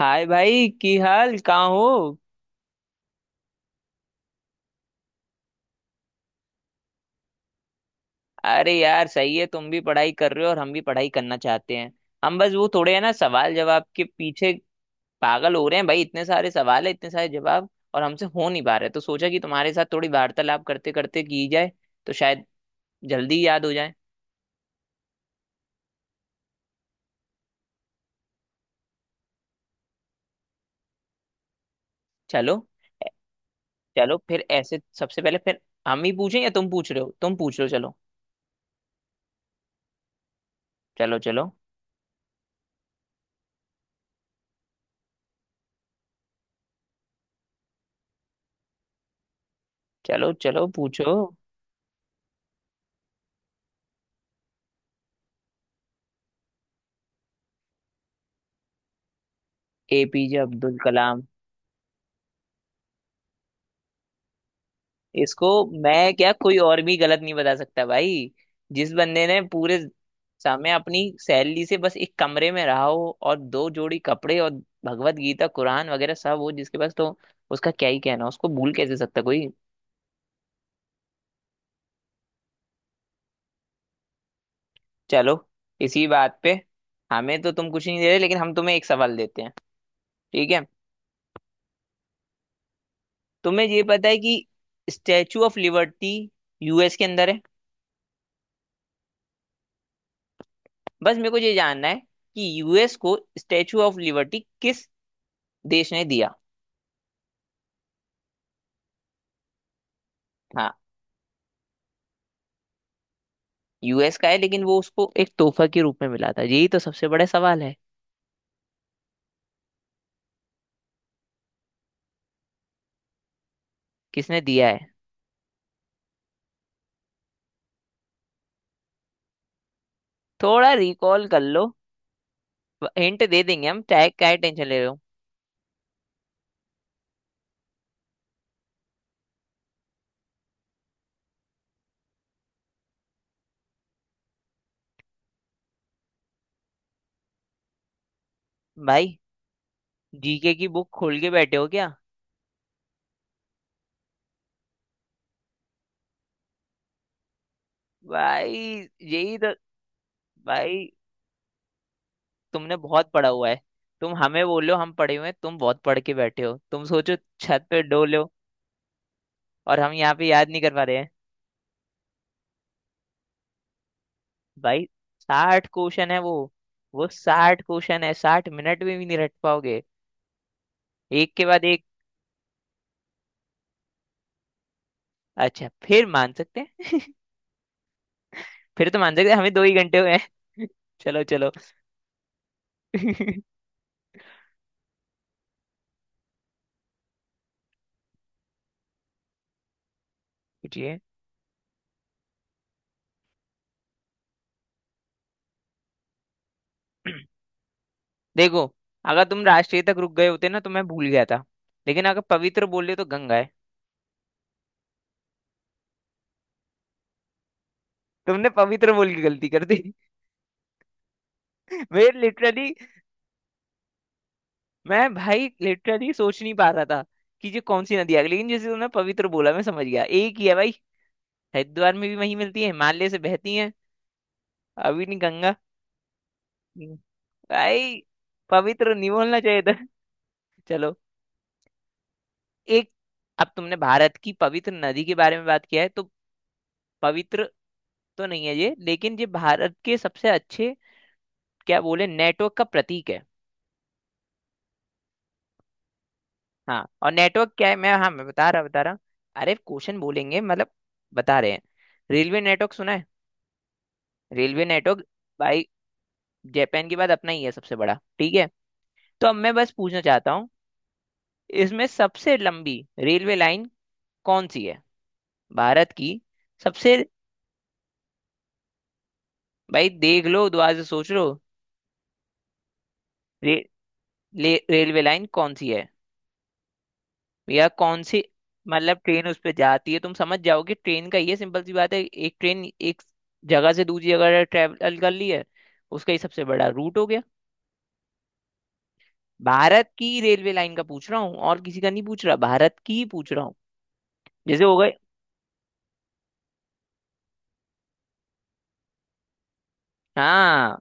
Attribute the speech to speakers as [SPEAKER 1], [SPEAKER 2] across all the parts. [SPEAKER 1] हाय भाई की हाल कहाँ हो। अरे यार सही है, तुम भी पढ़ाई कर रहे हो और हम भी पढ़ाई करना चाहते हैं। हम बस वो थोड़े है ना, सवाल जवाब के पीछे पागल हो रहे हैं भाई। इतने सारे सवाल है, इतने सारे जवाब और हमसे हो नहीं पा रहे, तो सोचा कि तुम्हारे साथ थोड़ी वार्तालाप करते करते की जाए, तो शायद जल्दी याद हो जाए। चलो चलो फिर, ऐसे सबसे पहले फिर हम ही पूछें या तुम पूछ रहे हो? तुम पूछ रहे हो, चलो। चलो चलो चलो चलो पूछो। एपीजे अब्दुल कलाम। इसको मैं क्या, कोई और भी गलत नहीं बता सकता भाई। जिस बंदे ने पूरे समय अपनी सैलरी से बस एक कमरे में रहा हो, और दो जोड़ी कपड़े और भगवत गीता कुरान वगैरह सब हो जिसके पास, तो उसका क्या ही कहना, उसको भूल कैसे सकता कोई। चलो, इसी बात पे हमें तो तुम कुछ नहीं दे रहे, लेकिन हम तुम्हें एक सवाल देते हैं, ठीक है? तुम्हें ये पता है कि स्टैचू ऑफ लिबर्टी यूएस के अंदर है। बस मेरे को ये जानना है कि यूएस को स्टैचू ऑफ लिबर्टी किस देश ने दिया। हाँ, यूएस का है लेकिन वो उसको एक तोहफा के रूप में मिला था, यही तो सबसे बड़ा सवाल है। किसने दिया है। थोड़ा रिकॉल कर लो। हिंट दे देंगे हम, चाहे क्या टेंशन ले रहे हो भाई। जीके की बुक खोल के बैठे हो क्या भाई? यही तो। भाई तुमने बहुत पढ़ा हुआ है। तुम हमें बोलो हम पढ़े हुए हैं, तुम बहुत पढ़ के बैठे हो, तुम सोचो छत पे डोलो और हम यहाँ पे याद नहीं कर पा रहे हैं। भाई साठ क्वेश्चन है वो। वो साठ क्वेश्चन है, साठ मिनट में भी नहीं रट पाओगे एक के बाद एक। अच्छा, फिर मान सकते हैं फिर तो मान सकते हैं, हमें दो ही घंटे हुए हैं। चलो चलो। पूछिए। देखो, अगर तुम राष्ट्रीय तक रुक गए होते ना तो मैं भूल गया था, लेकिन अगर पवित्र बोले तो गंगा है। तुमने पवित्र बोल के गलती कर दी। मैं लिटरली, मैं भाई लिटरली सोच नहीं पा रहा था कि ये कौन सी नदी आ गई, लेकिन जैसे तुमने पवित्र बोला मैं समझ गया एक ही है भाई। हरिद्वार में भी वही मिलती है, हिमालय से बहती है। अभी नहीं, गंगा। हम्म। भाई पवित्र नहीं बोलना चाहिए था। चलो, एक, अब तुमने भारत की पवित्र नदी के बारे में बात किया है, तो पवित्र तो नहीं है ये, लेकिन ये भारत के सबसे अच्छे क्या बोले, नेटवर्क का प्रतीक है। हाँ, और नेटवर्क क्या है, मैं हाँ मैं बता रहा। अरे क्वेश्चन बोलेंगे मतलब, बता रहे हैं। रेलवे नेटवर्क सुना है, रेलवे नेटवर्क। भाई जापान के बाद अपना ही है सबसे बड़ा, ठीक है? तो अब मैं बस पूछना चाहता हूँ, इसमें सबसे लंबी रेलवे लाइन कौन सी है? भारत की सबसे। भाई देख लो, दोबारा से सोच लो। रे, रेलवे लाइन कौन सी है, या कौन सी, मतलब ट्रेन उस पर जाती है तुम समझ जाओगे। ट्रेन का ये सिंपल सी बात है, एक ट्रेन एक जगह से दूसरी जगह ट्रेवल कर ली है, उसका ही सबसे बड़ा रूट हो गया। भारत की रेलवे लाइन का पूछ रहा हूँ, और किसी का नहीं पूछ रहा, भारत की ही पूछ रहा हूँ। जैसे हो गए। हाँ।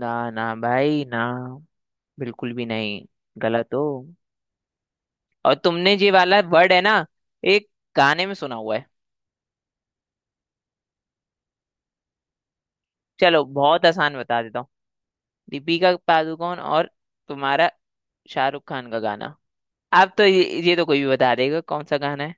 [SPEAKER 1] ना ना भाई ना, बिल्कुल भी नहीं, गलत हो। और तुमने ये वाला वर्ड है ना, एक गाने में सुना हुआ है। चलो बहुत आसान बता देता हूँ, दीपिका पादुकोण और तुम्हारा शाहरुख खान का गाना। आप तो ये तो कोई भी बता देगा कौन सा गाना है।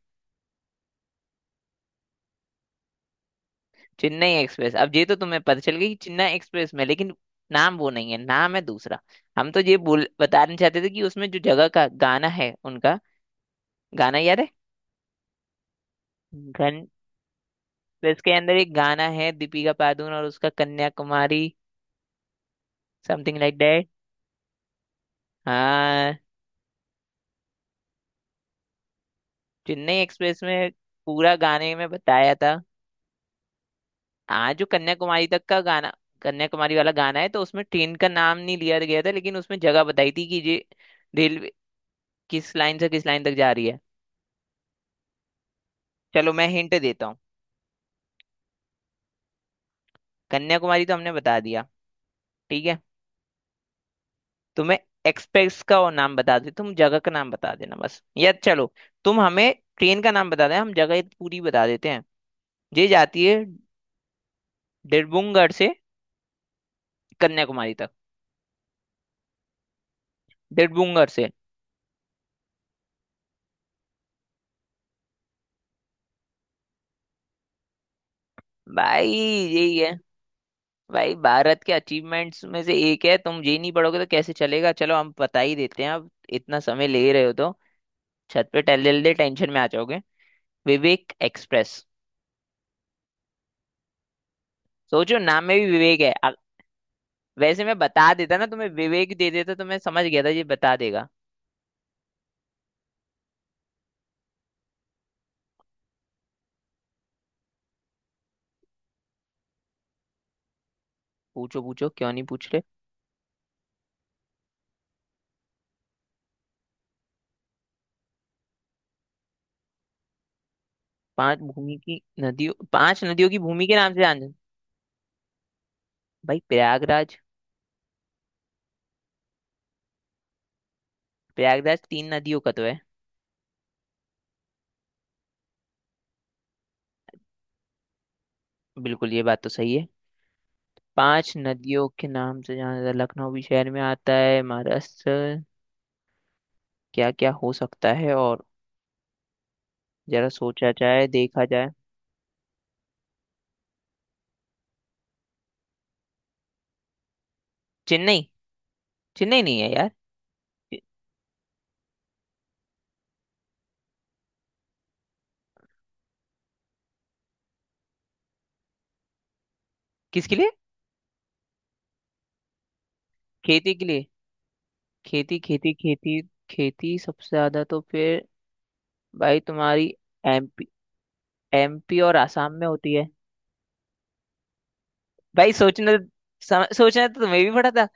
[SPEAKER 1] चेन्नई एक्सप्रेस। अब ये तो तुम्हें पता चल गया कि चेन्नई एक्सप्रेस में, लेकिन नाम वो नहीं है, नाम है दूसरा। हम तो ये बोल बताना चाहते थे कि उसमें जो जगह का गाना है उनका, गाना याद है? घन, तो इसके अंदर एक गाना है, दीपिका पादुकोण और उसका कन्याकुमारी, समथिंग लाइक दैट। हाँ, चेन्नई एक्सप्रेस में, पूरा गाने में बताया था। हाँ, जो कन्याकुमारी तक का गाना, कन्याकुमारी वाला गाना है। तो उसमें ट्रेन का नाम नहीं लिया गया था, लेकिन उसमें जगह बताई थी कि ये रेलवे किस लाइन से किस लाइन तक जा रही है। चलो मैं हिंट देता हूँ, कन्याकुमारी तो हमने बता दिया, ठीक है? तुम्हें एक्सप्रेस का और नाम बता दे, तुम जगह का नाम बता देना बस, या चलो तुम हमें ट्रेन का नाम बता देना, हम जगह पूरी बता देते हैं। ये जाती है डिरबुंगर से कन्याकुमारी तक। डिरबुंगर से। भाई यही, भाई भारत के अचीवमेंट्स में से एक है, तुम ये नहीं पढ़ोगे तो कैसे चलेगा। चलो हम बता ही देते हैं अब, इतना समय ले रहे हो तो। छत पे टहल जल्दी, टेंशन में आ जाओगे। विवेक एक्सप्रेस। सोचो नाम में भी विवेक है वैसे मैं बता देता ना तुम्हें, विवेक दे देता तो मैं समझ गया था ये बता देगा। पूछो पूछो, क्यों नहीं पूछ रहे? पांच भूमि की नदियों, पांच नदियों की भूमि के नाम से जान। भाई प्रयागराज। प्रयागराज तीन नदियों का तो है। बिल्कुल ये बात तो सही है। पांच नदियों के नाम से जाना जाता है। लखनऊ भी शहर में आता है, महाराष्ट्र, क्या क्या हो सकता है और, जरा सोचा जाए देखा जाए। चेन्नई। चेन्नई नहीं है यार। कि- किसके लिए? खेती के लिए। खेती खेती सबसे ज्यादा तो फिर, भाई तुम्हारी, एमपी, एमपी और आसाम में होती है। भाई सोचने तो, सोचना तो तुम्हें भी पड़ा था।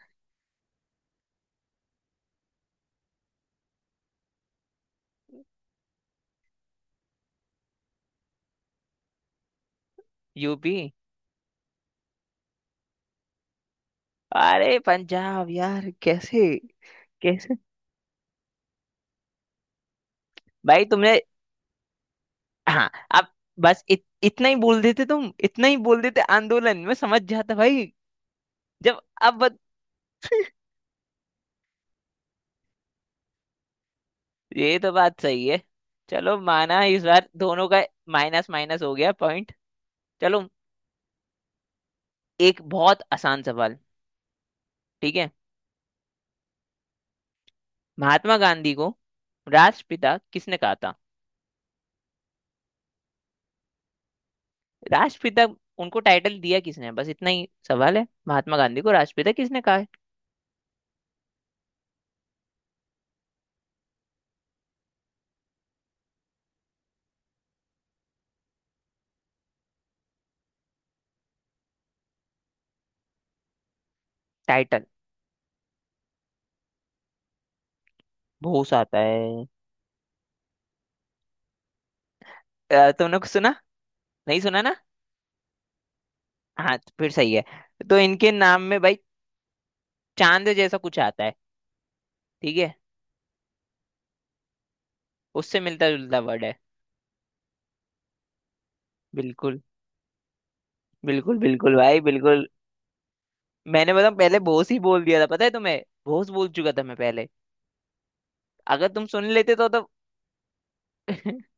[SPEAKER 1] यूपी। अरे पंजाब यार, कैसे? कैसे भाई तुमने? हाँ। अब बस इतना ही बोल देते, तुम इतना ही बोल देते आंदोलन में समझ जाता भाई। जब, अब ये तो बात सही है। चलो माना, इस बार दोनों का माइनस, माइनस हो गया पॉइंट। चलो, एक बहुत आसान सवाल, ठीक है। महात्मा गांधी को राष्ट्रपिता किसने कहा था। राष्ट्रपिता, उनको टाइटल दिया किसने है? बस इतना ही सवाल है, महात्मा गांधी को राष्ट्रपिता किसने कहा है। टाइटल बहुत आता है। तुमने कुछ सुना, नहीं सुना ना? हाँ, तो फिर सही है। तो इनके नाम में भाई चांद जैसा कुछ आता है, ठीक है। उससे मिलता जुलता वर्ड है। बिल्कुल बिल्कुल बिल्कुल भाई, बिल्कुल। मैंने मतलब पहले भोस ही बोल दिया था, पता है तुम्हें? भोस बोल चुका था मैं पहले। अगर तुम सुन लेते तो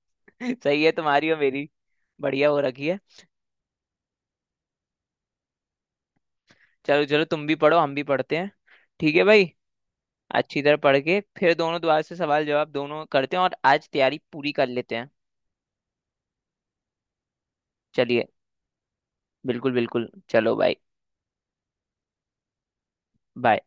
[SPEAKER 1] सही है तुम्हारी और मेरी बढ़िया हो रखी है। चलो चलो, तुम भी पढ़ो हम भी पढ़ते हैं। ठीक है भाई। अच्छी तरह पढ़ के फिर दोनों दोबारा से सवाल जवाब दोनों करते हैं, और आज तैयारी पूरी कर लेते हैं। चलिए, बिल्कुल बिल्कुल, चलो भाई। बाय।